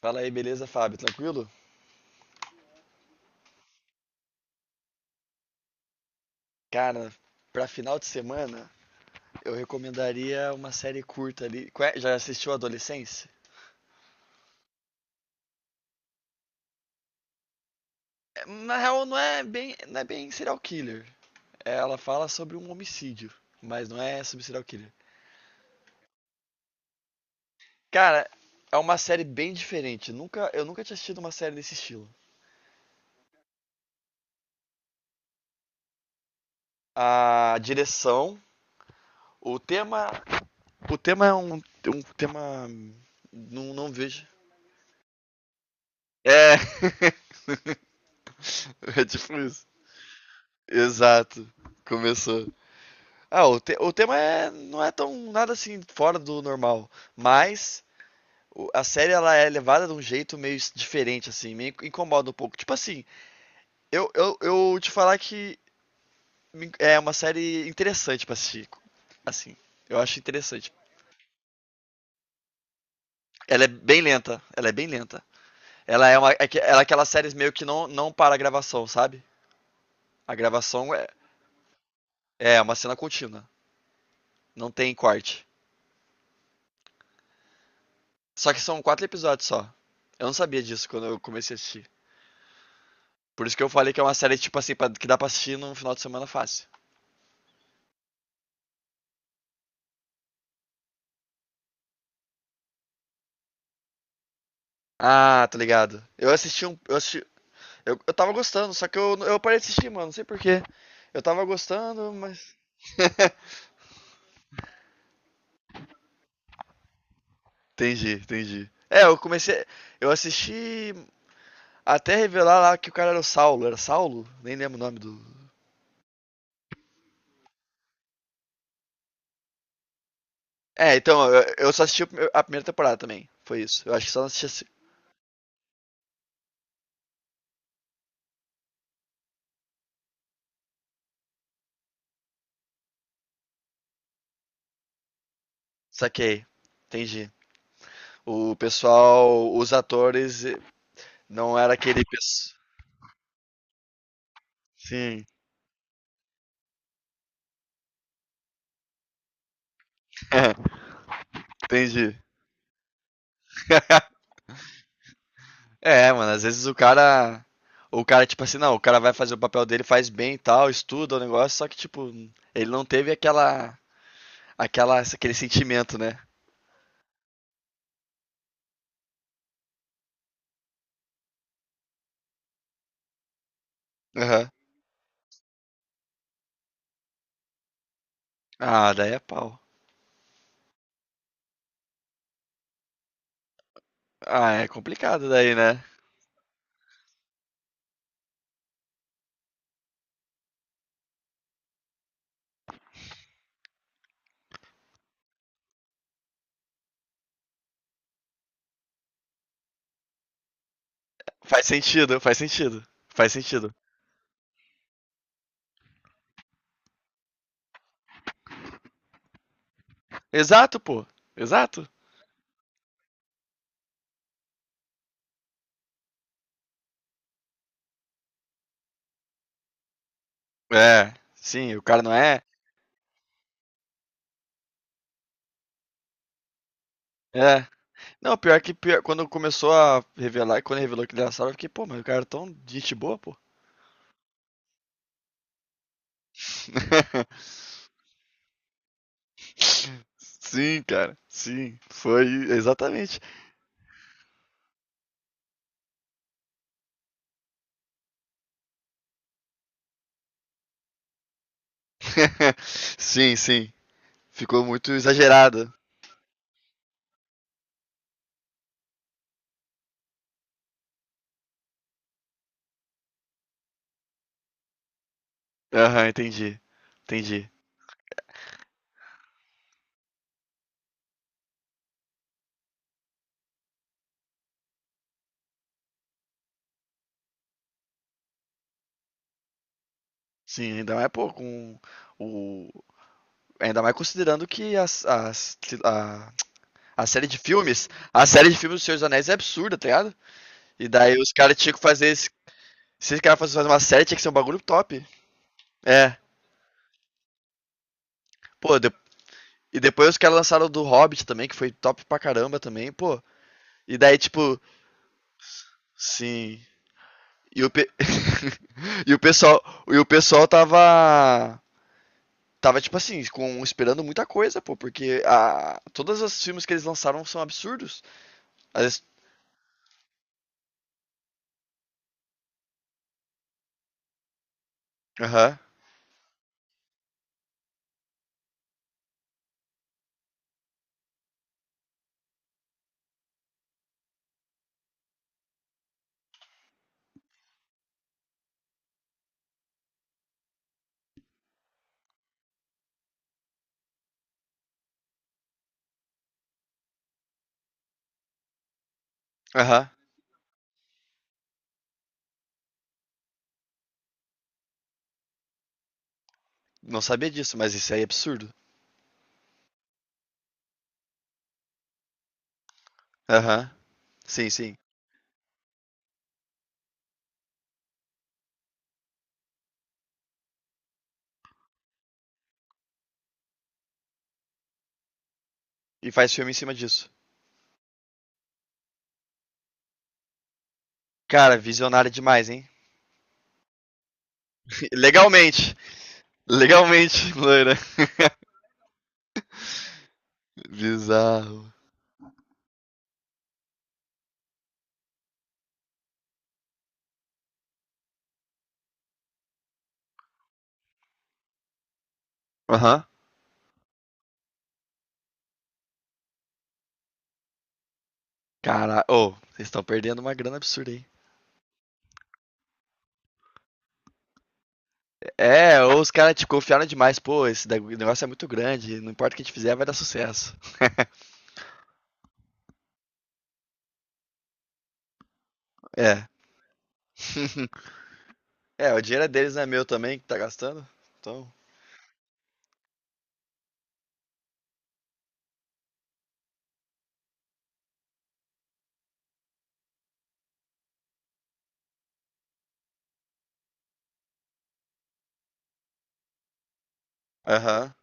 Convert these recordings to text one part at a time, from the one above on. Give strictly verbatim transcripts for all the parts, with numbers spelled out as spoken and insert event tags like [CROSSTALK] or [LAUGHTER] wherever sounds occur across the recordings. Fala aí, beleza, Fábio? Tranquilo? Cara, pra final de semana, eu recomendaria uma série curta ali. Qual é? Já assistiu Adolescência? É. Na real, não é bem, não é bem serial killer. É. Ela fala sobre um homicídio, mas não é sobre serial killer. Cara, é uma série bem diferente. Nunca, Eu nunca tinha assistido uma série desse estilo. A direção, o tema, o tema é um, um tema. Não, não vejo. É, [LAUGHS] é tipo isso. Exato. Começou. Ah, o, te- o tema é, não é tão nada assim fora do normal, mas o- a série, ela é levada de um jeito meio s- diferente assim, me inc- incomoda um pouco. Tipo assim, eu, eu, eu te falar que me- inc- é uma série interessante pra assistir, co- assim. Eu acho interessante. Ela é bem lenta, ela é bem lenta. Ela é uma é que- ela é aquelas séries meio que não não para a gravação, sabe? A gravação é é uma cena contínua, não tem corte. Só que são quatro episódios só. Eu não sabia disso quando eu comecei a assistir. Por isso que eu falei que é uma série, tipo assim, pra- que dá pra assistir num final de semana fácil. Ah, tá ligado. Eu assisti um. Eu, assisti, eu, eu tava gostando, só que eu, eu parei de assistir, mano. Não sei porquê. Eu tava gostando, mas. [LAUGHS] entendi, entendi. É, eu comecei. Eu assisti até revelar lá que o cara era o Saulo. Era Saulo? Nem lembro o nome do. É, então, eu, eu só assisti a primeira temporada também. Foi isso. Eu acho que só não assisti. A se- Saquei. Entendi. O pessoal, os atores, não era aquele. pes- Sim, [LAUGHS] entendi. É, mano, às vezes o cara. O cara, tipo assim, não, o cara vai fazer o papel dele, faz bem e tal, estuda o negócio, só que, tipo, ele não teve aquela. aquela aquele sentimento, né? Aham. Ah, daí é pau. Ah, é complicado daí, né? Faz sentido, faz sentido. Faz sentido. Exato, pô. Exato. É, sim, o cara não é. É. Não, pior que pior- quando começou a revelar, quando revelou que ele era Sauron, eu fiquei, pô, mas o cara é tão gente boa, pô. [LAUGHS] Sim, cara, sim, foi exatamente. [LAUGHS] Sim, sim, ficou muito exagerado. Aham, entendi, entendi. Sim, ainda mais, pô, com o. Ainda mais considerando que as, as- a, a série de filmes, a série de filmes do Senhor dos Anéis é absurda, tá ligado? E daí os caras tinham que fazer esse. Se os caras fossem fazer uma série, tinha que ser um bagulho top. É. Pô, e depois os caras lançaram do Hobbit também, que foi top pra caramba também, pô. E daí, tipo, sim. E o, pe... [LAUGHS] e o pessoal. E o pessoal tava. Tava, tipo assim, com, esperando muita coisa, pô, porque a, todos os filmes que eles lançaram são absurdos. Às vezes. Aham, aham. Não sabia disso, mas isso aí é absurdo. Aham, sim, sim. E faz filme em cima disso. Cara, visionário demais, hein? [LAUGHS] Legalmente. Legalmente, loira. [LAUGHS] Bizarro. Aham. Cara, ô, vocês estão perdendo uma grana absurda aí. É, ou os caras te confiaram demais, pô, esse da- negócio é muito grande, não importa o que a gente fizer, vai dar sucesso. [LAUGHS] É. [LAUGHS] É, o dinheiro é deles, não é meu também, que tá gastando. Então. Aham,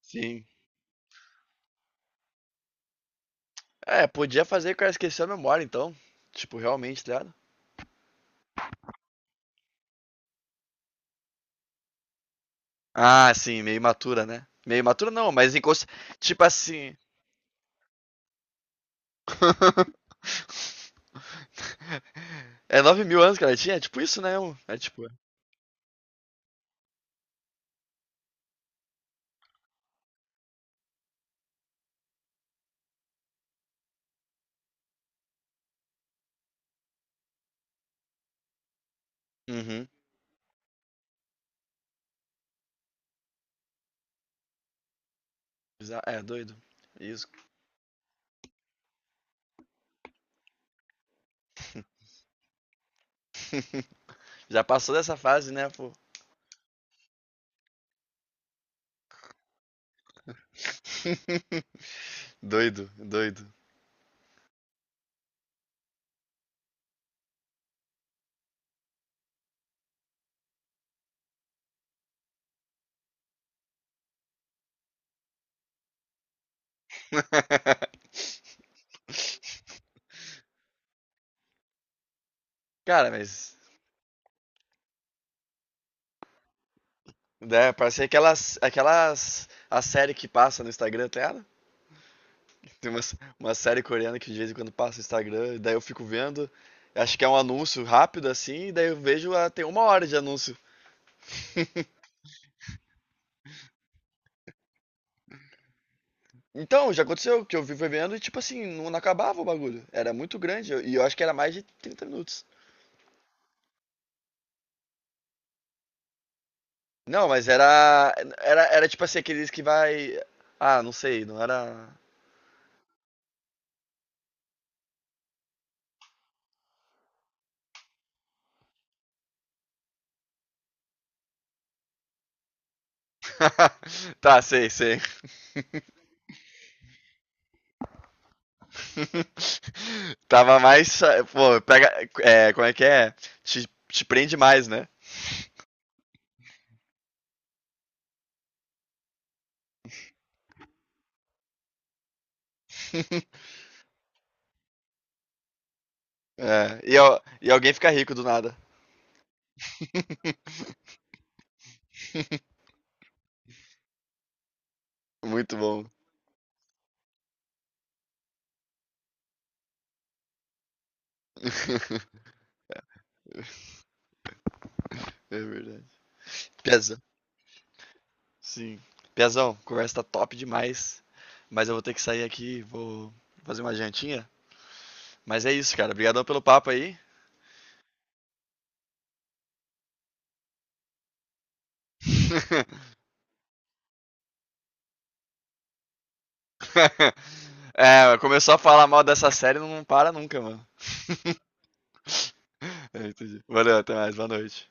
sim. É, podia fazer que eu esqueci a memória, então. Tipo, realmente, tá ligado? Ah, sim, meio imatura, né? Meio imatura não, mas inconsci... Tipo assim. [LAUGHS] É nove mil anos que ela tinha? É tipo isso, né? um- É tipo. É. Uhum. Bizar- É, doido. Isso. Já passou dessa fase, né, pô? [LAUGHS] Doido, doido. [LAUGHS] Cara, mas. Né, parece aquelas, aquelas. A série que passa no Instagram, tá ligado? Tem uma, uma série coreana que de vez em quando passa no Instagram, e daí eu fico vendo. Acho que é um anúncio rápido assim, e daí eu vejo, ah, tem uma hora de anúncio. Então, já aconteceu que eu vi vendo e, tipo assim, não acabava o bagulho. Era muito grande, eu- e eu acho que era mais de trinta minutos. Não, mas era, era, era tipo assim, aqueles que vai. Ah, não sei, não era. [LAUGHS] Tá, sei, sei. [LAUGHS] Tava mais. Pô, pega. É, como é que é? Te, te prende mais, né? [LAUGHS] É, e, al- e alguém fica rico do nada. [LAUGHS] Muito bom. [LAUGHS] É verdade. Piazão. Sim. Piazão, conversa tá top demais. Mas eu vou ter que sair aqui, vou fazer uma jantinha. Mas é isso, cara. Obrigadão pelo papo aí. [LAUGHS] [LAUGHS] É, começou a falar mal dessa série, não para nunca, mano. [LAUGHS] É, entendi. Valeu, até mais, boa noite.